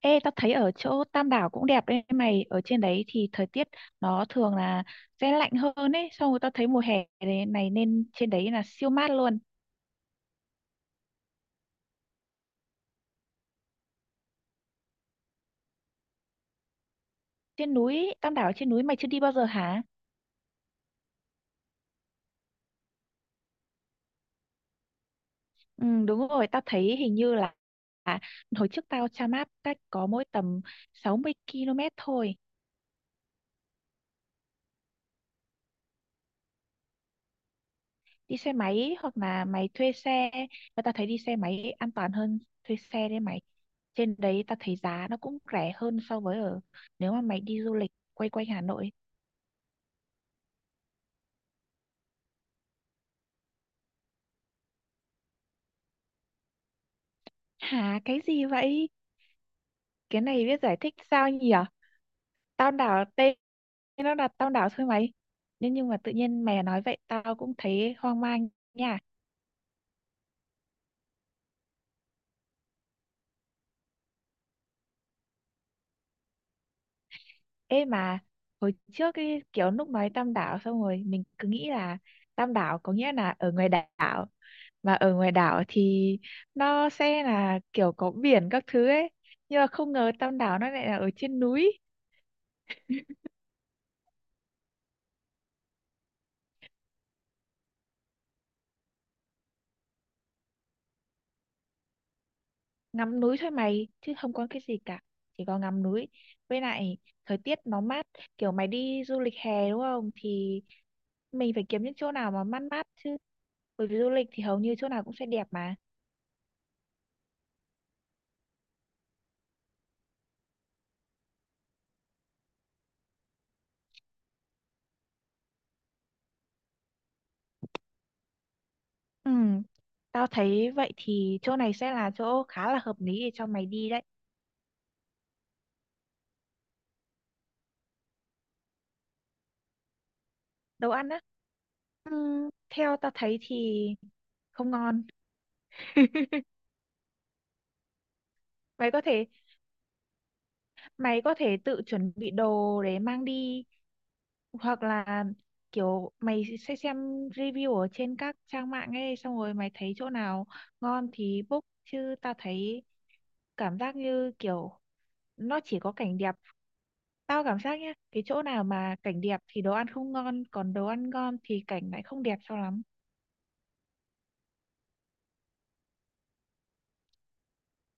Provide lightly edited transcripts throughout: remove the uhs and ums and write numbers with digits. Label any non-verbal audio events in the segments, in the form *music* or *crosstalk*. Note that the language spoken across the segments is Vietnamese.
Ê, tao thấy ở chỗ Tam Đảo cũng đẹp đấy mày. Ở trên đấy thì thời tiết nó thường là sẽ lạnh hơn ấy. Xong rồi tao thấy mùa hè này nên trên đấy là siêu mát luôn. Trên núi, Tam Đảo trên núi mày chưa đi bao giờ hả? Ừ, đúng rồi, tao thấy hình như là à, hồi trước tao tra map cách có mỗi tầm 60 km thôi. Đi xe máy hoặc là mày thuê xe. Và tao thấy đi xe máy an toàn hơn thuê xe đấy mày. Trên đấy tao thấy giá nó cũng rẻ hơn so với ở nếu mà mày đi du lịch quay quanh Hà Nội. Hả, cái gì vậy? Cái này biết giải thích sao nhỉ? Tao đảo tên nó là tao đảo thôi mày. Nhưng mà tự nhiên mày nói vậy tao cũng thấy hoang mang nha. Ê mà hồi trước cái kiểu lúc nói tam đảo xong rồi mình cứ nghĩ là tam đảo có nghĩa là ở ngoài đảo, mà ở ngoài đảo thì nó sẽ là kiểu có biển các thứ ấy. Nhưng mà không ngờ tam đảo nó lại là ở trên núi. Ngắm núi thôi mày chứ không có cái gì cả, chỉ có ngắm núi, với lại thời tiết nó mát. Kiểu mày đi du lịch hè đúng không thì mình phải kiếm những chỗ nào mà mát mát chứ, bởi vì du lịch thì hầu như chỗ nào cũng sẽ đẹp mà. Ừ, tao thấy vậy thì chỗ này sẽ là chỗ khá là hợp lý để cho mày đi đấy. Đồ ăn á, theo tao thấy thì không ngon. *laughs* mày có thể mày có thể tự chuẩn bị đồ để mang đi, hoặc là kiểu mày sẽ xem review ở trên các trang mạng ấy, xong rồi mày thấy chỗ nào ngon thì book. Chứ tao thấy cảm giác như kiểu nó chỉ có cảnh đẹp. Tao cảm giác nhá, cái chỗ nào mà cảnh đẹp thì đồ ăn không ngon, còn đồ ăn ngon thì cảnh lại không đẹp cho lắm.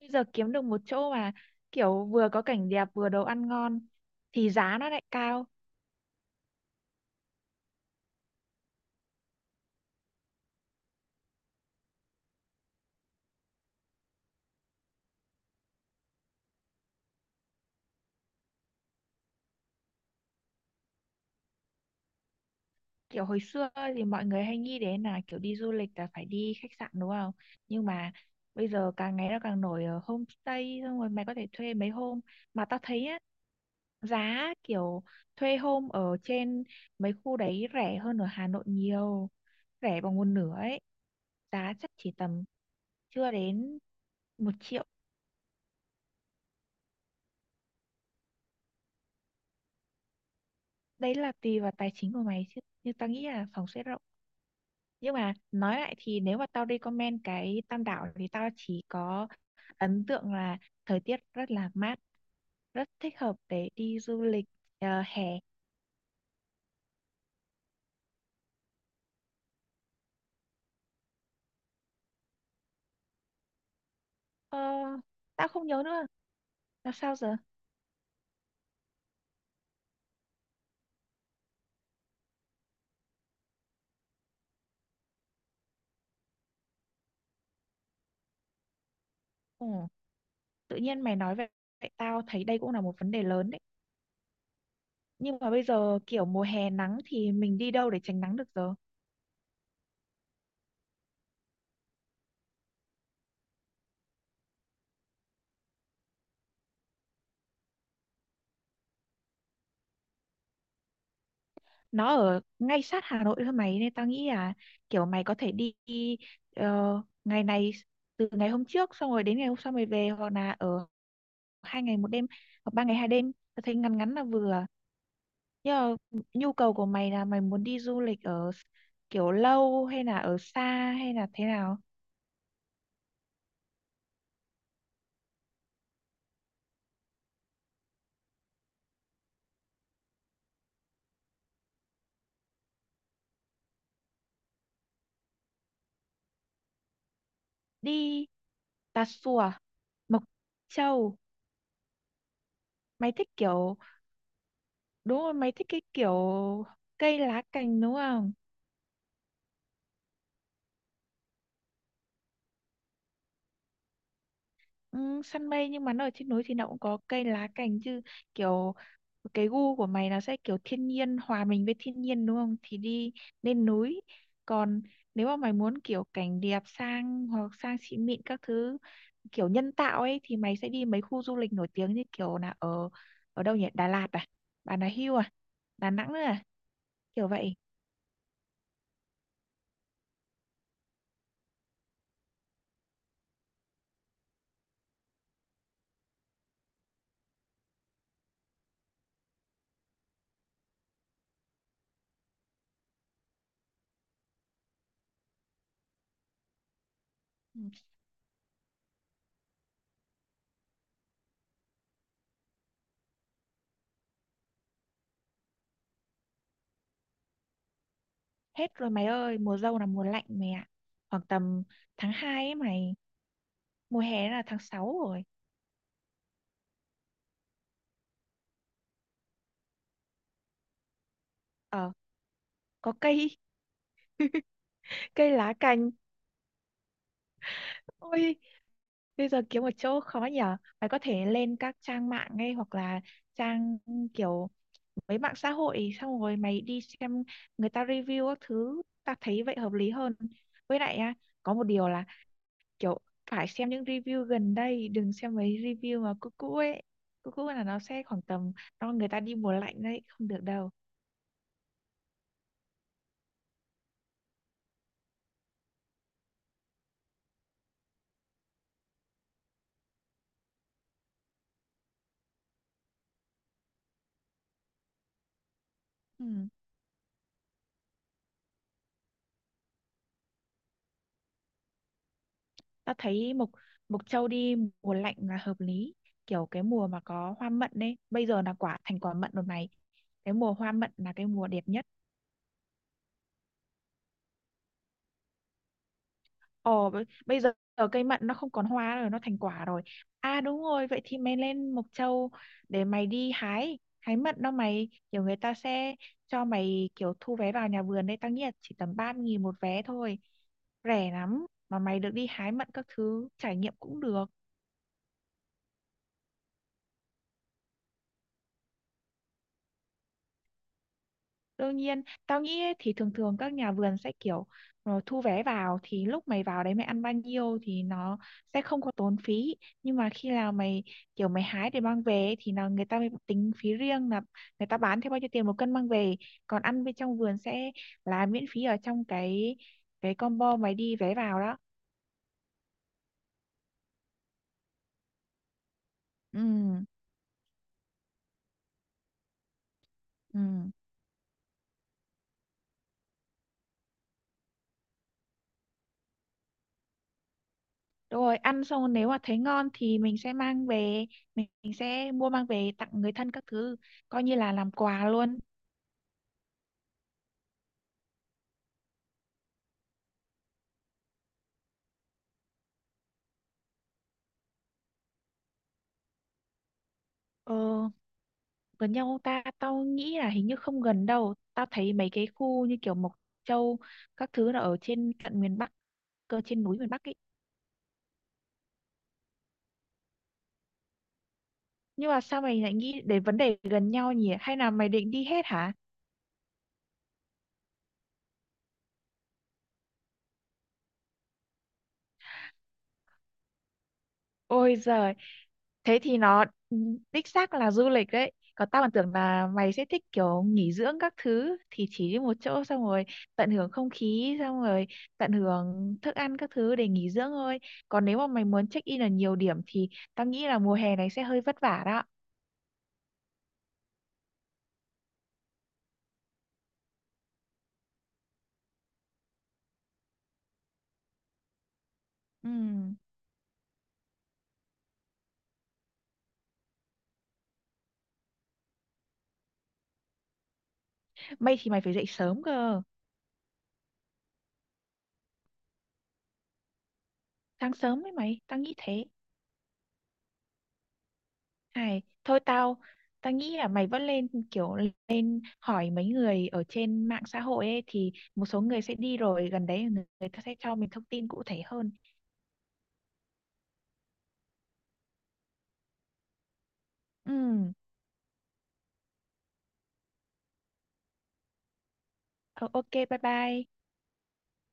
Bây giờ kiếm được một chỗ mà kiểu vừa có cảnh đẹp vừa đồ ăn ngon thì giá nó lại cao. Kiểu hồi xưa thì mọi người hay nghĩ đến là kiểu đi du lịch là phải đi khách sạn đúng không, nhưng mà bây giờ càng ngày nó càng nổi ở homestay, xong rồi mày có thể thuê mấy hôm. Mà tao thấy á, giá kiểu thuê hôm ở trên mấy khu đấy rẻ hơn ở Hà Nội nhiều, rẻ bằng một nửa ấy. Giá chắc chỉ tầm chưa đến 1 triệu. Đấy là tùy vào tài chính của mày chứ, nhưng tao nghĩ là phòng sẽ rộng. Nhưng mà nói lại thì nếu mà tao recommend cái Tam Đảo thì tao chỉ có ấn tượng là thời tiết rất là mát, rất thích hợp để đi du lịch hè. ờ, Tao không nhớ nữa là sao giờ. Ừ. Tự nhiên mày nói vậy, vậy tao thấy đây cũng là một vấn đề lớn đấy. Nhưng mà bây giờ kiểu mùa hè nắng thì mình đi đâu để tránh nắng được giờ. Nó ở ngay sát Hà Nội thôi mày, nên tao nghĩ là kiểu mày có thể đi ờ, ngày này, từ ngày hôm trước xong rồi đến ngày hôm sau mày về, hoặc là ở 2 ngày 1 đêm, hoặc 3 ngày 2 đêm. Tao thấy ngắn ngắn là vừa. Nhưng mà nhu cầu của mày là mày muốn đi du lịch ở kiểu lâu, hay là ở xa, hay là thế nào? Đi Tà Xùa, Mộc Châu. Mày thích kiểu, đúng rồi, mày thích cái kiểu cây lá cành đúng không? Ừ, săn mây, nhưng mà nó ở trên núi thì nó cũng có cây lá cành chứ. Kiểu cái gu của mày nó sẽ kiểu thiên nhiên, hòa mình với thiên nhiên đúng không, thì đi lên núi. Còn nếu mà mày muốn kiểu cảnh đẹp sang, hoặc sang xịn mịn các thứ kiểu nhân tạo ấy, thì mày sẽ đi mấy khu du lịch nổi tiếng như kiểu là ở ở đâu nhỉ, Đà Lạt à, Bà Nà Hưu à, Đà Nẵng nữa à, kiểu vậy. Ừ, hết rồi mày ơi, mùa dâu là mùa lạnh mày ạ, khoảng tầm tháng 2 ấy mày. Mùa hè là tháng 6 rồi. Ờ, có cây. *laughs* Cây lá cành. Ôi, bây giờ kiếm một chỗ khó nhở, phải có thể lên các trang mạng ngay, hoặc là trang kiểu mấy mạng xã hội, xong rồi mày đi xem người ta review các thứ. Ta thấy vậy hợp lý hơn. Với lại á, có một điều là kiểu phải xem những review gần đây, đừng xem mấy review mà cũ cũ ấy. Cũ cũ là nó sẽ khoảng tầm nó người ta đi mùa lạnh đấy, không được đâu. Ừ. Ta thấy mộc mộc châu đi mùa lạnh là hợp lý, kiểu cái mùa mà có hoa mận ấy. Bây giờ là quả, thành quả mận rồi này. Cái mùa hoa mận là cái mùa đẹp nhất. Ồ, bây bây giờ ở cây mận nó không còn hoa rồi, nó thành quả rồi. À đúng rồi, vậy thì mày lên Mộc Châu để mày đi hái hái mận đó mày. Kiểu người ta sẽ cho mày kiểu thu vé vào nhà vườn đấy. Tao nghĩ là chỉ tầm 3.000 một vé thôi, rẻ lắm, mà mày được đi hái mận các thứ, trải nghiệm cũng được. Đương nhiên, tao nghĩ ấy, thì thường thường các nhà vườn sẽ kiểu thu vé vào, thì lúc mày vào đấy mày ăn bao nhiêu thì nó sẽ không có tốn phí. Nhưng mà khi nào mày kiểu mày hái để mang về ấy, thì là người ta mới tính phí riêng, là người ta bán theo bao nhiêu tiền một cân mang về. Còn ăn bên trong vườn sẽ là miễn phí ở trong cái combo mày đi vé vào đó. Ừ, ừ. Đúng rồi, ăn xong nếu mà thấy ngon thì mình sẽ mang về, mình sẽ mua mang về tặng người thân các thứ, coi như là làm quà luôn. Ừ. Gần nhau không ta? Tao nghĩ là hình như không gần đâu. Tao thấy mấy cái khu như kiểu Mộc Châu các thứ là ở trên tận miền Bắc cơ, trên núi miền Bắc ấy. Nhưng mà sao mày lại nghĩ đến vấn đề gần nhau nhỉ, hay là mày định đi hết hả? Ôi giời, thế thì nó ừ, đích xác là du lịch đấy. Còn tao còn tưởng là mày sẽ thích kiểu nghỉ dưỡng các thứ, thì chỉ đi một chỗ xong rồi tận hưởng không khí, xong rồi tận hưởng thức ăn các thứ để nghỉ dưỡng thôi. Còn nếu mà mày muốn check in ở nhiều điểm thì tao nghĩ là mùa hè này sẽ hơi vất vả đó. Ừ. Mày thì mày phải dậy sớm cơ. Sáng sớm ấy mày, tao nghĩ thế. Này, thôi tao, tao nghĩ là mày vẫn lên kiểu lên hỏi mấy người ở trên mạng xã hội ấy, thì một số người sẽ đi rồi gần đấy, người ta sẽ cho mình thông tin cụ thể hơn. Ừ. Ờ, ok, bye bye.